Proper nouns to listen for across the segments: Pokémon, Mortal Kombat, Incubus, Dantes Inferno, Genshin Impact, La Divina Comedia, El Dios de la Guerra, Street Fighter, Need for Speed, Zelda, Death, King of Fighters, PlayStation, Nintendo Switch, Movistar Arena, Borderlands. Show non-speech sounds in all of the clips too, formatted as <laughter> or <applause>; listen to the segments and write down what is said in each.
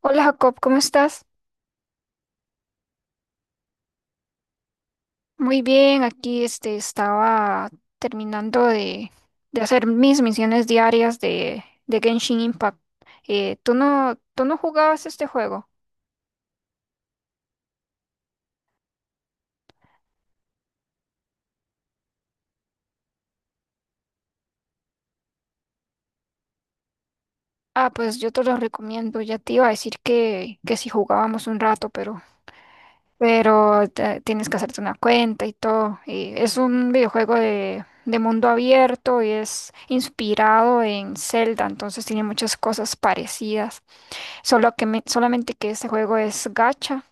Hola Jacob, ¿cómo estás? Muy bien, aquí estaba terminando de hacer mis misiones diarias de Genshin Impact. ¿Tú no jugabas este juego? Ah, pues yo te lo recomiendo. Ya te iba a decir que si jugábamos un rato, pero tienes que hacerte una cuenta y todo. Es un videojuego de mundo abierto y es inspirado en Zelda, entonces tiene muchas cosas parecidas. Solamente que este juego es gacha.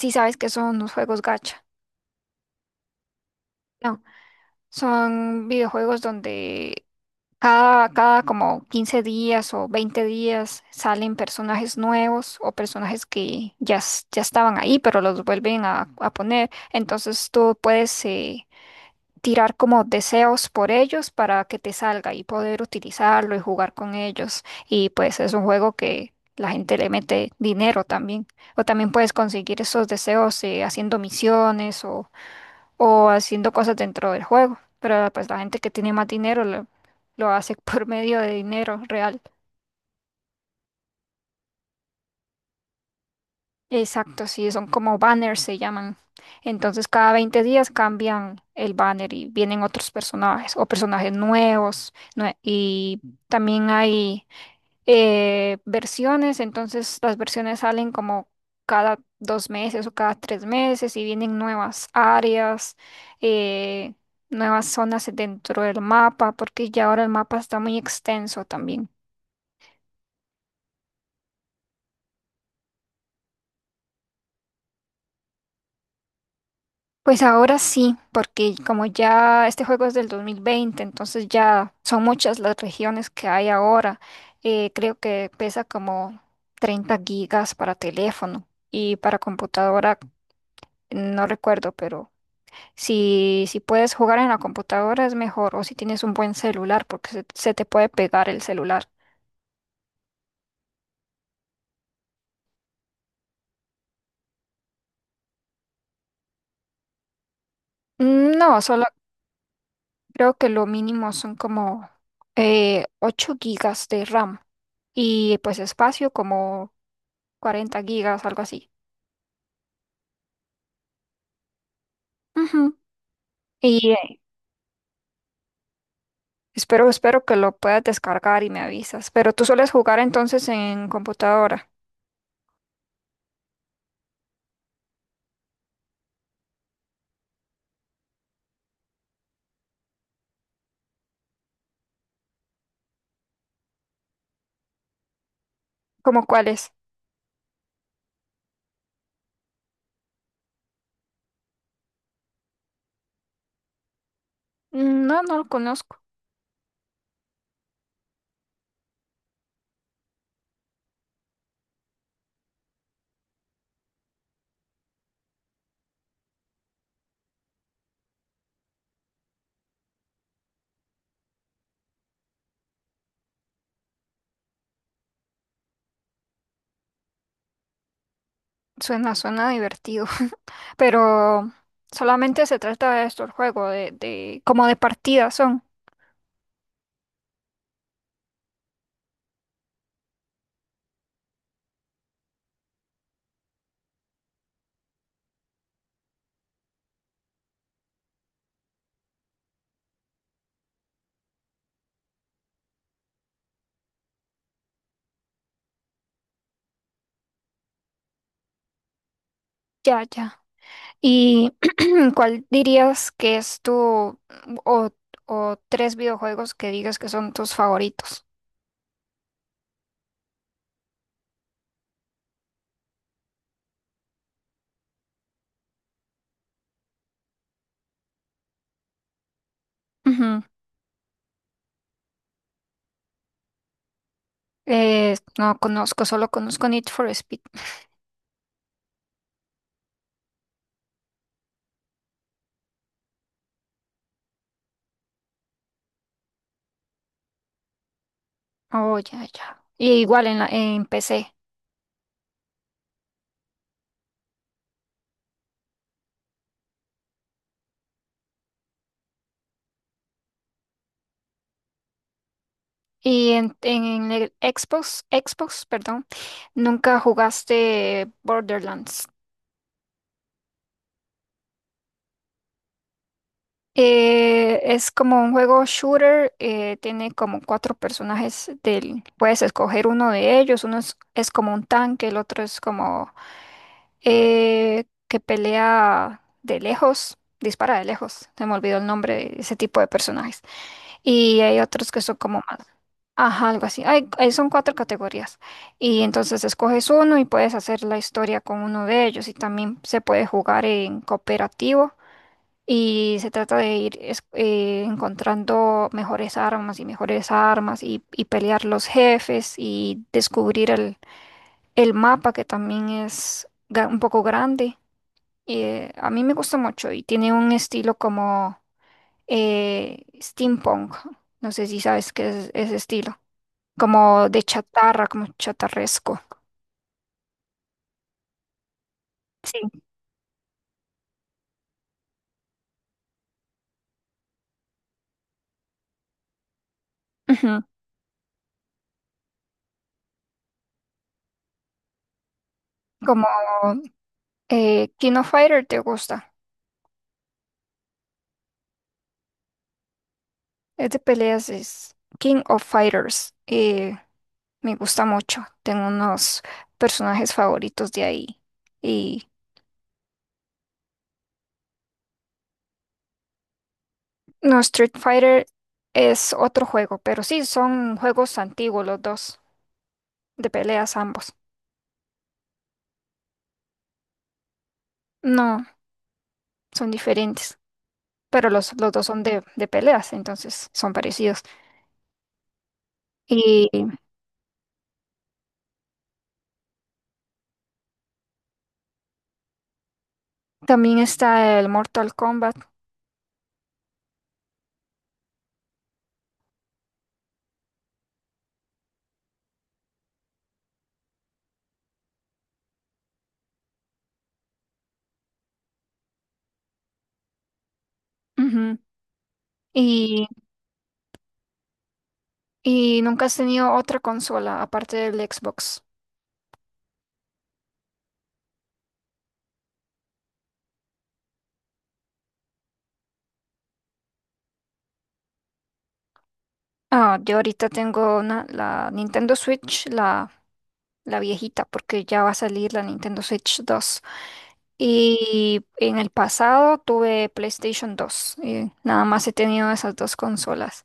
Si sabes que son los juegos gacha. No, son videojuegos donde cada como 15 días o 20 días salen personajes nuevos o personajes que ya estaban ahí, pero los vuelven a poner. Entonces tú puedes tirar como deseos por ellos para que te salga y poder utilizarlo y jugar con ellos. Y pues es un juego que la gente le mete dinero también. O también puedes conseguir esos deseos haciendo misiones o haciendo cosas dentro del juego. Pero pues la gente que tiene más dinero lo hace <laughs> por medio de dinero real. Exacto, sí, son como banners se llaman. Entonces cada 20 días cambian el banner y vienen otros personajes o personajes nuevos. Y también hay versiones, entonces las versiones salen como cada dos meses o cada tres meses y vienen nuevas áreas, eh, nuevas zonas dentro del mapa, porque ya ahora el mapa está muy extenso también. Pues ahora sí, porque como ya este juego es del 2020, entonces ya son muchas las regiones que hay ahora. Creo que pesa como 30 gigas para teléfono y para computadora, no recuerdo, pero si puedes jugar en la computadora es mejor o si tienes un buen celular, porque se te puede pegar el celular. No, solo creo que lo mínimo son como 8 gigas de RAM y pues espacio como 40 gigas, algo así. Ujú. Y espero, espero que lo puedas descargar y me avisas. Pero tú sueles jugar entonces en computadora. ¿Cómo cuáles? Mm, no, no lo conozco. Suena, suena divertido. <laughs> Pero solamente se trata de esto, el juego, de como de partidas son. Ya, ya. ¿Y <clears throat> cuál dirías que es tu o, o tres videojuegos que digas que son tus favoritos? Ujú. No conozco, solo conozco Need for Speed. Oh, ya, ya. Y igual en la, en PC. Y en el Xbox, perdón, nunca jugaste Borderlands. Es como un juego shooter, tiene como cuatro personajes del, puedes escoger uno de ellos, uno es como un tanque, el otro es como que pelea de lejos, dispara de lejos, se me olvidó el nombre de ese tipo de personajes. Y hay otros que son como más. Ajá, algo así. Son cuatro categorías. Y entonces escoges uno y puedes hacer la historia con uno de ellos. Y también se puede jugar en cooperativo. Y se trata de ir encontrando mejores armas y mejores armas y pelear los jefes y descubrir el mapa que también es un poco grande. A mí me gusta mucho y tiene un estilo como steampunk. No sé si sabes qué es ese estilo. Como de chatarra, como chatarresco. Sí. Ujú. Como King of Fighter te gusta. Es de peleas, es King of Fighters. Me gusta mucho. Tengo unos personajes favoritos de ahí. Y no, Street Fighter es otro juego, pero sí, son juegos antiguos los dos, de peleas ambos. No, son diferentes. Pero los dos son de peleas, entonces son parecidos. Y también está el Mortal Kombat. Ujú. Y, y nunca has tenido otra consola aparte del Xbox. Ah, yo ahorita tengo una, la Nintendo Switch, la viejita, porque ya va a salir la Nintendo Switch 2. Y en el pasado tuve PlayStation dos. Y nada más he tenido esas dos consolas.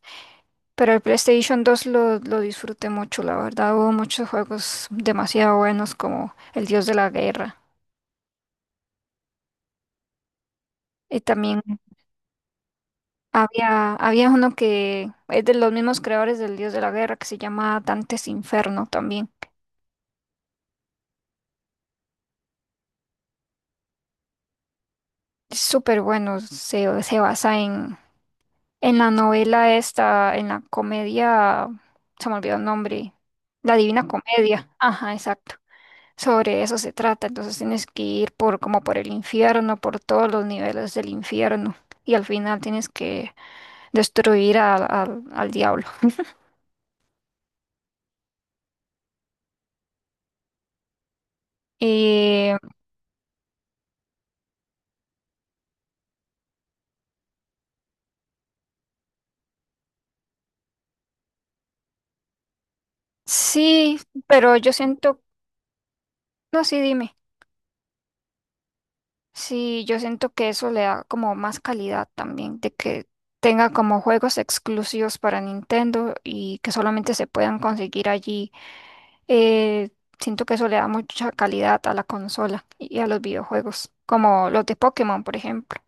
Pero el PlayStation 2 lo disfruté mucho, la verdad. Hubo muchos juegos demasiado buenos como El Dios de la Guerra. Y también había uno que es de los mismos creadores del Dios de la Guerra que se llama Dantes Inferno también. Es súper bueno, se basa en la novela esta, en la comedia, se me olvidó el nombre, La Divina Comedia. Ajá, exacto. Sobre eso se trata, entonces tienes que ir por como por el infierno, por todos los niveles del infierno y al final tienes que destruir al al diablo. Y sí, pero yo siento, no, sí, dime. Sí, yo siento que eso le da como más calidad también, de que tenga como juegos exclusivos para Nintendo y que solamente se puedan conseguir allí. Eh, siento que eso le da mucha calidad a la consola y a los videojuegos, como los de Pokémon, por ejemplo.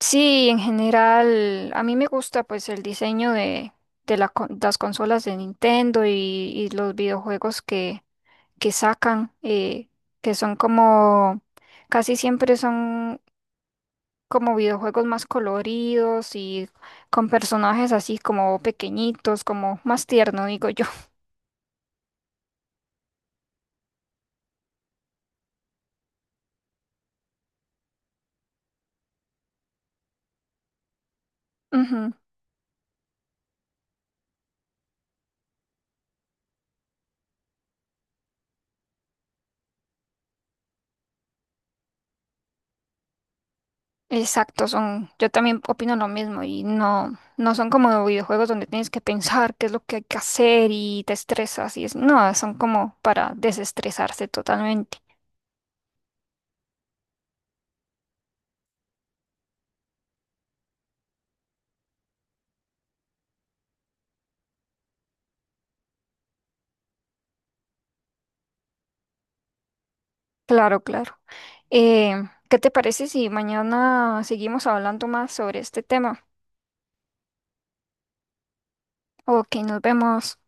Sí, en general, a mí me gusta pues el diseño de la las consolas de Nintendo y los videojuegos que sacan, que son como casi siempre son como videojuegos más coloridos y con personajes así como pequeñitos, como más tierno, digo yo. <laughs> Ujú. Exacto, son, yo también opino lo mismo y no, no son como videojuegos donde tienes que pensar qué es lo que hay que hacer y te estresas y es, no, son como para desestresarse totalmente. Claro, claro. Eh, ¿Qué te parece si mañana seguimos hablando más sobre este tema? Ok, nos vemos.